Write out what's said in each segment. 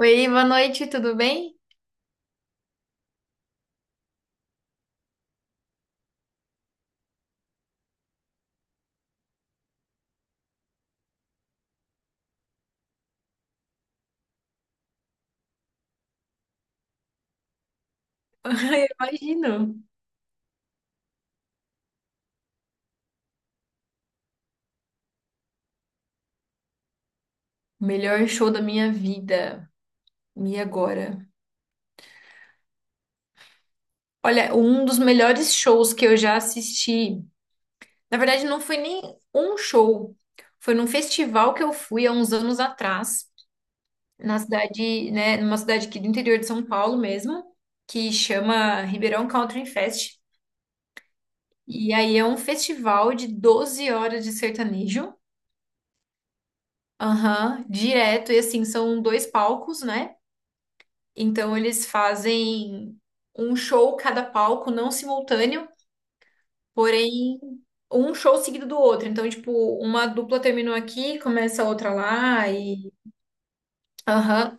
Oi, boa noite, tudo bem? Eu imagino. Melhor show da minha vida. E agora? Olha, um dos melhores shows que eu já assisti. Na verdade, não foi nem um show. Foi num festival que eu fui há uns anos atrás, na cidade, né, numa cidade aqui do interior de São Paulo mesmo, que chama Ribeirão Country Fest. E aí é um festival de 12 horas de sertanejo. Aham, direto. E assim, são dois palcos, né? Então eles fazem um show cada palco, não simultâneo, porém um show seguido do outro. Então, tipo, uma dupla terminou aqui, começa a outra lá e aham.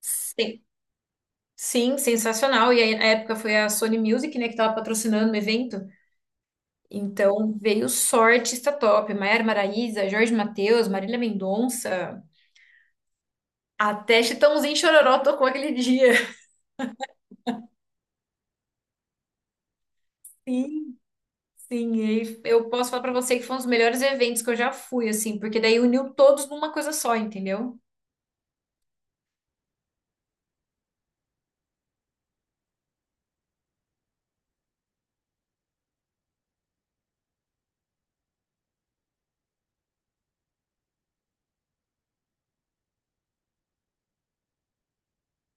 Sim. Sim, sensacional. E aí, na época foi a Sony Music, né, que tava patrocinando o evento. Então veio só artista top. Maiara Maraíza, Jorge Mateus, Marília Mendonça, até Chitãozinho e Chororó tocou aquele dia. Sim. Sim, e aí eu posso falar pra você que foi um dos melhores eventos que eu já fui, assim, porque daí uniu todos numa coisa só, entendeu?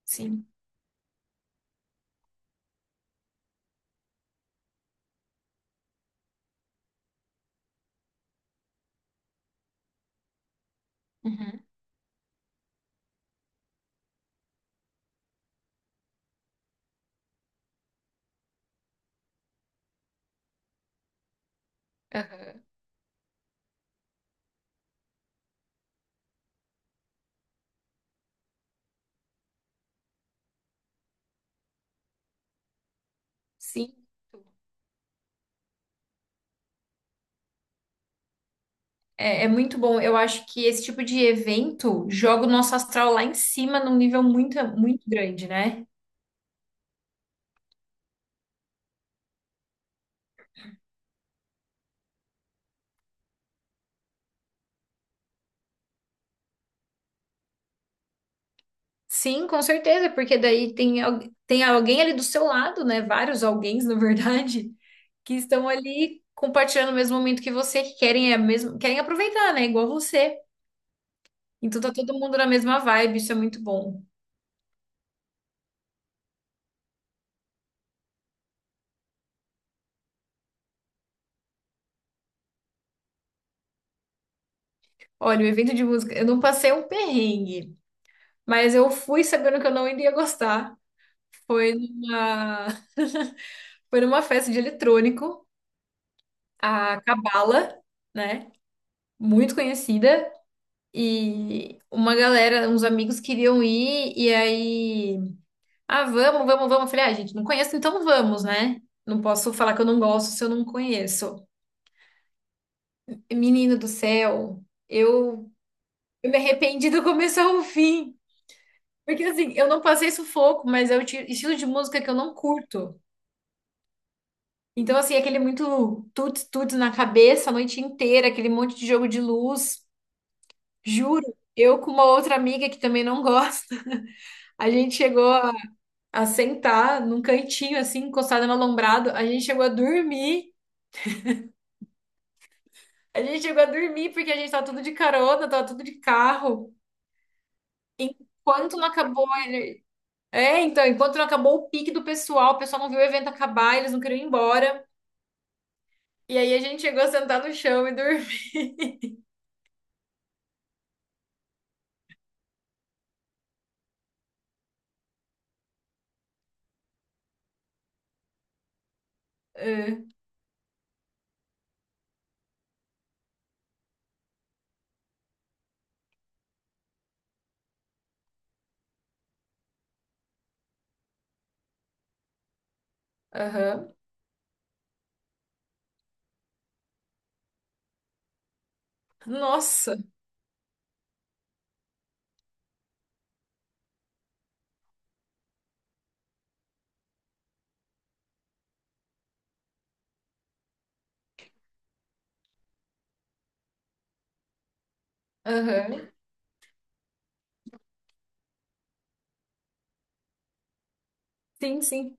Sim. Uhum. Aham. Sim. É, é muito bom. Eu acho que esse tipo de evento joga o nosso astral lá em cima num nível muito, muito grande, né? Sim, com certeza, porque daí tem, tem alguém ali do seu lado, né? Vários alguéns, na verdade, que estão ali compartilhando o mesmo momento que você, que querem, a mesmo, querem aproveitar, né? Igual você. Então tá todo mundo na mesma vibe, isso é muito bom. Olha, o evento de música, eu não passei um perrengue, mas eu fui sabendo que eu não iria gostar. Foi numa, Foi numa festa de eletrônico, a Cabala, né? Muito conhecida. E uma galera, uns amigos queriam ir, e aí, ah, vamos, vamos, vamos. Eu falei, ah, gente, não conheço, então vamos, né? Não posso falar que eu não gosto se eu não conheço. Menino do céu, eu, eu me arrependi do começo ao fim. Porque assim, eu não passei sufoco, mas é o estilo de música que eu não curto. Então, assim, aquele muito tuts tuts na cabeça a noite inteira, aquele monte de jogo de luz. Juro, eu com uma outra amiga que também não gosta, a gente chegou a sentar num cantinho, assim, encostada no alombrado, a gente chegou a dormir. A gente chegou a dormir porque a gente tava tudo de carona, tava tudo de carro. Enquanto não acabou. É, então, enquanto não acabou o pique do pessoal, o pessoal não viu o evento acabar, eles não queriam ir embora. E aí a gente chegou a sentar no chão e dormir. Ah, aham. Nossa. Aham. Sim, sim.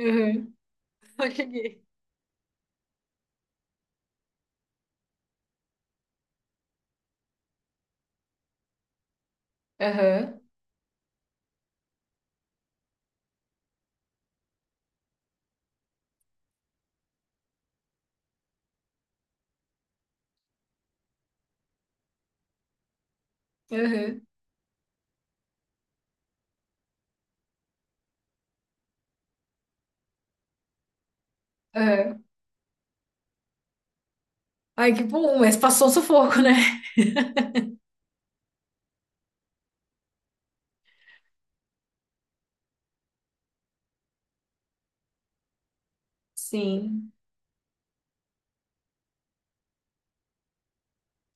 Aham. Eu cheguei. Aham. Aham. Aham. Ai, que bom, mas passou um sufoco, né? Sim.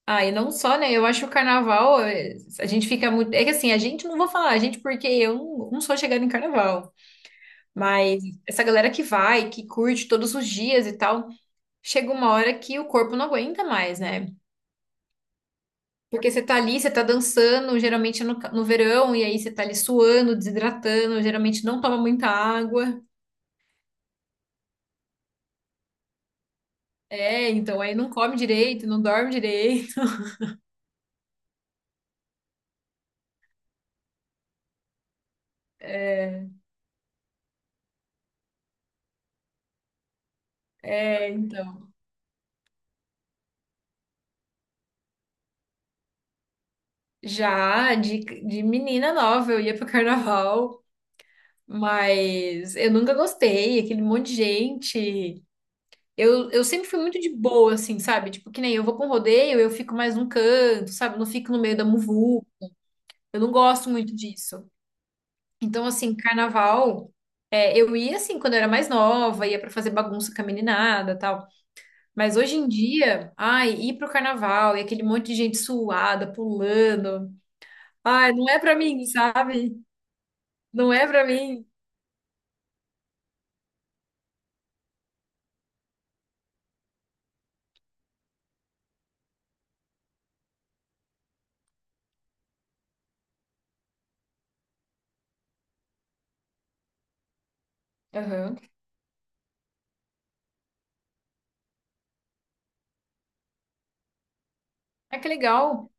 Ah, e não só, né? Eu acho que o carnaval, eh, a gente fica muito. É que assim, a gente não vou falar, a gente, porque eu não, não sou chegada em carnaval. Mas essa galera que vai, que curte todos os dias e tal, chega uma hora que o corpo não aguenta mais, né? Porque você tá ali, você tá dançando, geralmente no, no verão, e aí você tá ali suando, desidratando, geralmente não toma muita água. É, então aí não come direito, não dorme direito. É, então. Já de menina nova, eu ia pro carnaval, mas eu nunca gostei, aquele monte de gente. Eu sempre fui muito de boa, assim, sabe? Tipo, que nem eu vou pra um rodeio, eu fico mais num canto, sabe? Eu não fico no meio da muvu. Eu não gosto muito disso. Então, assim, carnaval, é, eu ia assim quando eu era mais nova, ia pra fazer bagunça com a meninada, tal. Mas hoje em dia, ai, ir pro carnaval e aquele monte de gente suada, pulando. Ai, não é pra mim, sabe? Não é pra mim. Aham. Ah, que legal.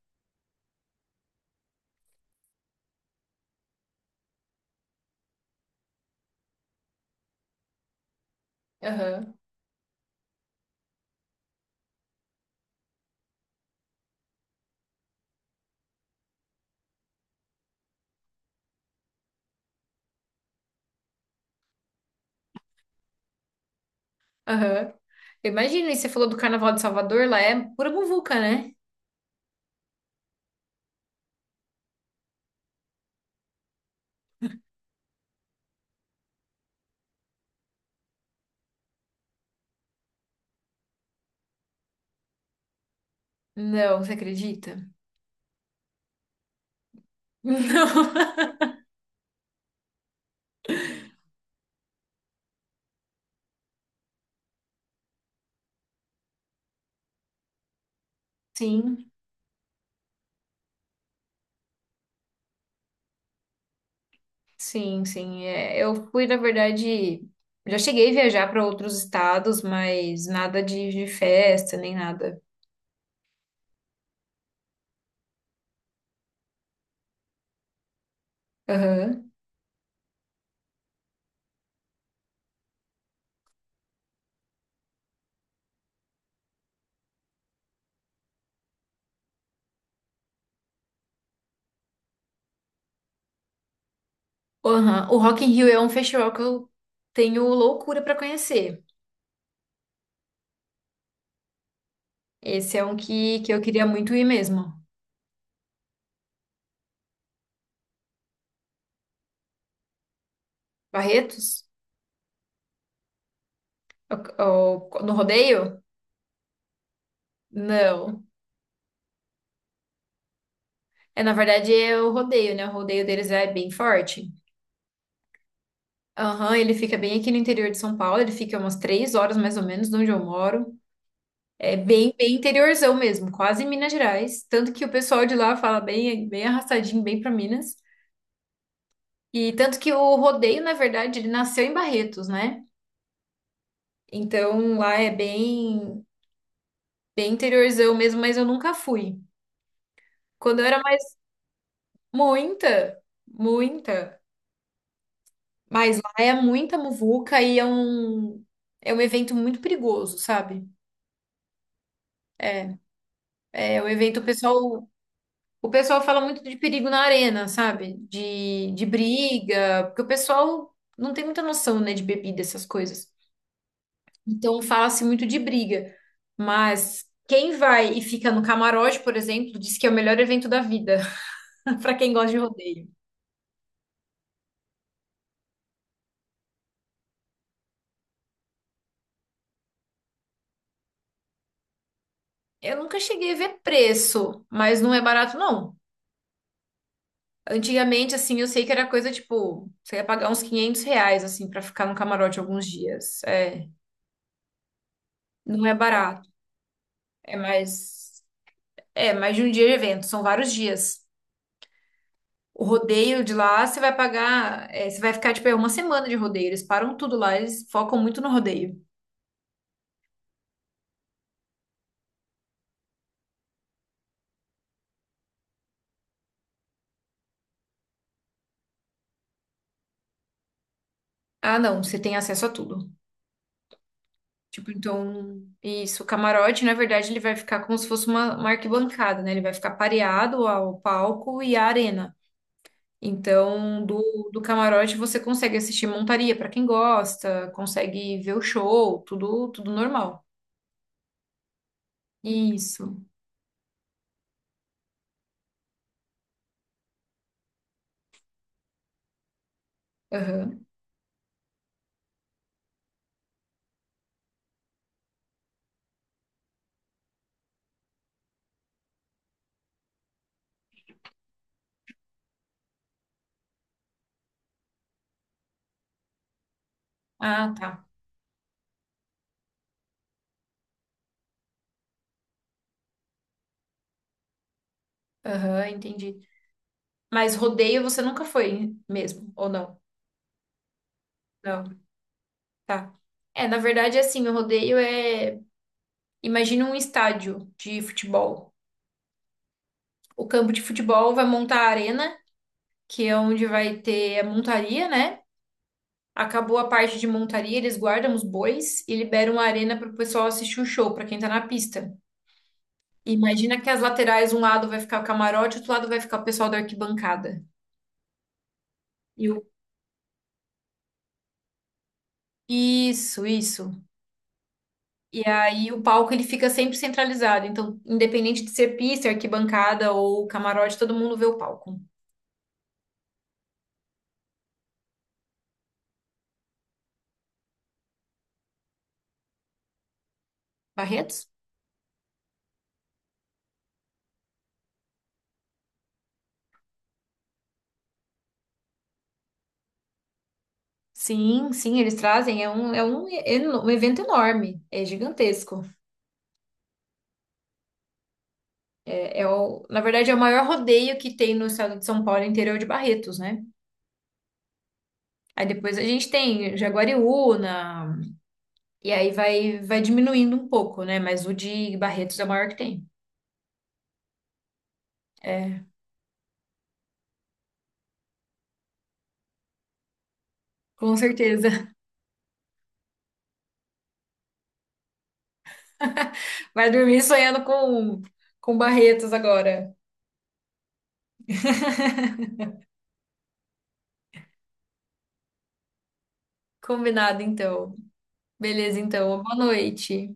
Aham. Aham. Imagina, e você falou do carnaval de Salvador, lá é pura muvuca, né? Não, você acredita? Não. Sim. Sim, sim. É, eu fui, na verdade, já cheguei a viajar para outros estados, mas nada de, de festa, nem nada. Aham. Aham. O Rock in Rio é um festival que eu tenho loucura para conhecer. Esse é um que eu queria muito ir mesmo. Barretos? No rodeio? Não. É, na verdade, é o rodeio, né? O rodeio deles é bem forte. Aham, ele fica bem aqui no interior de São Paulo, ele fica umas 3 horas mais ou menos de onde eu moro. É bem, bem interiorzão mesmo, quase Minas Gerais. Tanto que o pessoal de lá fala bem, bem arrastadinho, bem para Minas. E tanto que o rodeio, na verdade, ele nasceu em Barretos, né? Então lá é bem, bem interiorzão mesmo, mas eu nunca fui. Quando eu era mais, muita, muita. Mas lá é muita muvuca e é um evento muito perigoso, sabe? É, é um evento, o pessoal. O pessoal fala muito de perigo na arena, sabe? De briga, porque o pessoal não tem muita noção, né, de bebida, essas coisas. Então fala-se muito de briga. Mas quem vai e fica no camarote, por exemplo, diz que é o melhor evento da vida, para quem gosta de rodeio. Eu nunca cheguei a ver preço, mas não é barato, não. Antigamente, assim, eu sei que era coisa tipo, você ia pagar uns 500 reais, assim, para ficar no camarote alguns dias. É, não é barato. É mais. É, mais de um dia de evento, são vários dias. O rodeio de lá, você vai pagar, é, você vai ficar, tipo, é uma semana de rodeio. Eles param tudo lá, eles focam muito no rodeio. Ah, não, você tem acesso a tudo. Tipo, então, isso, o camarote, na verdade, ele vai ficar como se fosse uma arquibancada, né? Ele vai ficar pareado ao palco e à arena. Então, do camarote você consegue assistir montaria pra quem gosta, consegue ver o show, tudo, tudo normal. Isso. Aham. Ah, tá. Aham, entendi. Mas rodeio você nunca foi mesmo, ou não? Não, tá. É, na verdade, assim, o rodeio é. Imagina um estádio de futebol. O campo de futebol vai montar a arena, que é onde vai ter a montaria, né? Acabou a parte de montaria, eles guardam os bois e liberam a arena para o pessoal assistir o show, para quem tá na pista. Imagina que as laterais, um lado vai ficar o camarote, outro lado vai ficar o pessoal da arquibancada. E o... Isso, isso. E aí o palco ele fica sempre centralizado. Então, independente de ser pista, arquibancada ou camarote, todo mundo vê o palco. Barretos? Sim, sim, eles trazem. É um um evento enorme, é gigantesco. É, é o, na verdade, é o maior rodeio que tem no estado de São Paulo, interior de Barretos, né? Aí depois a gente tem Jaguariúna, e aí vai diminuindo um pouco, né? Mas o de Barretos é o maior que tem. É, com certeza. Vai dormir sonhando com Barretos agora. Combinado, então. Beleza, então. Boa noite.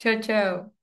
Tchau, tchau.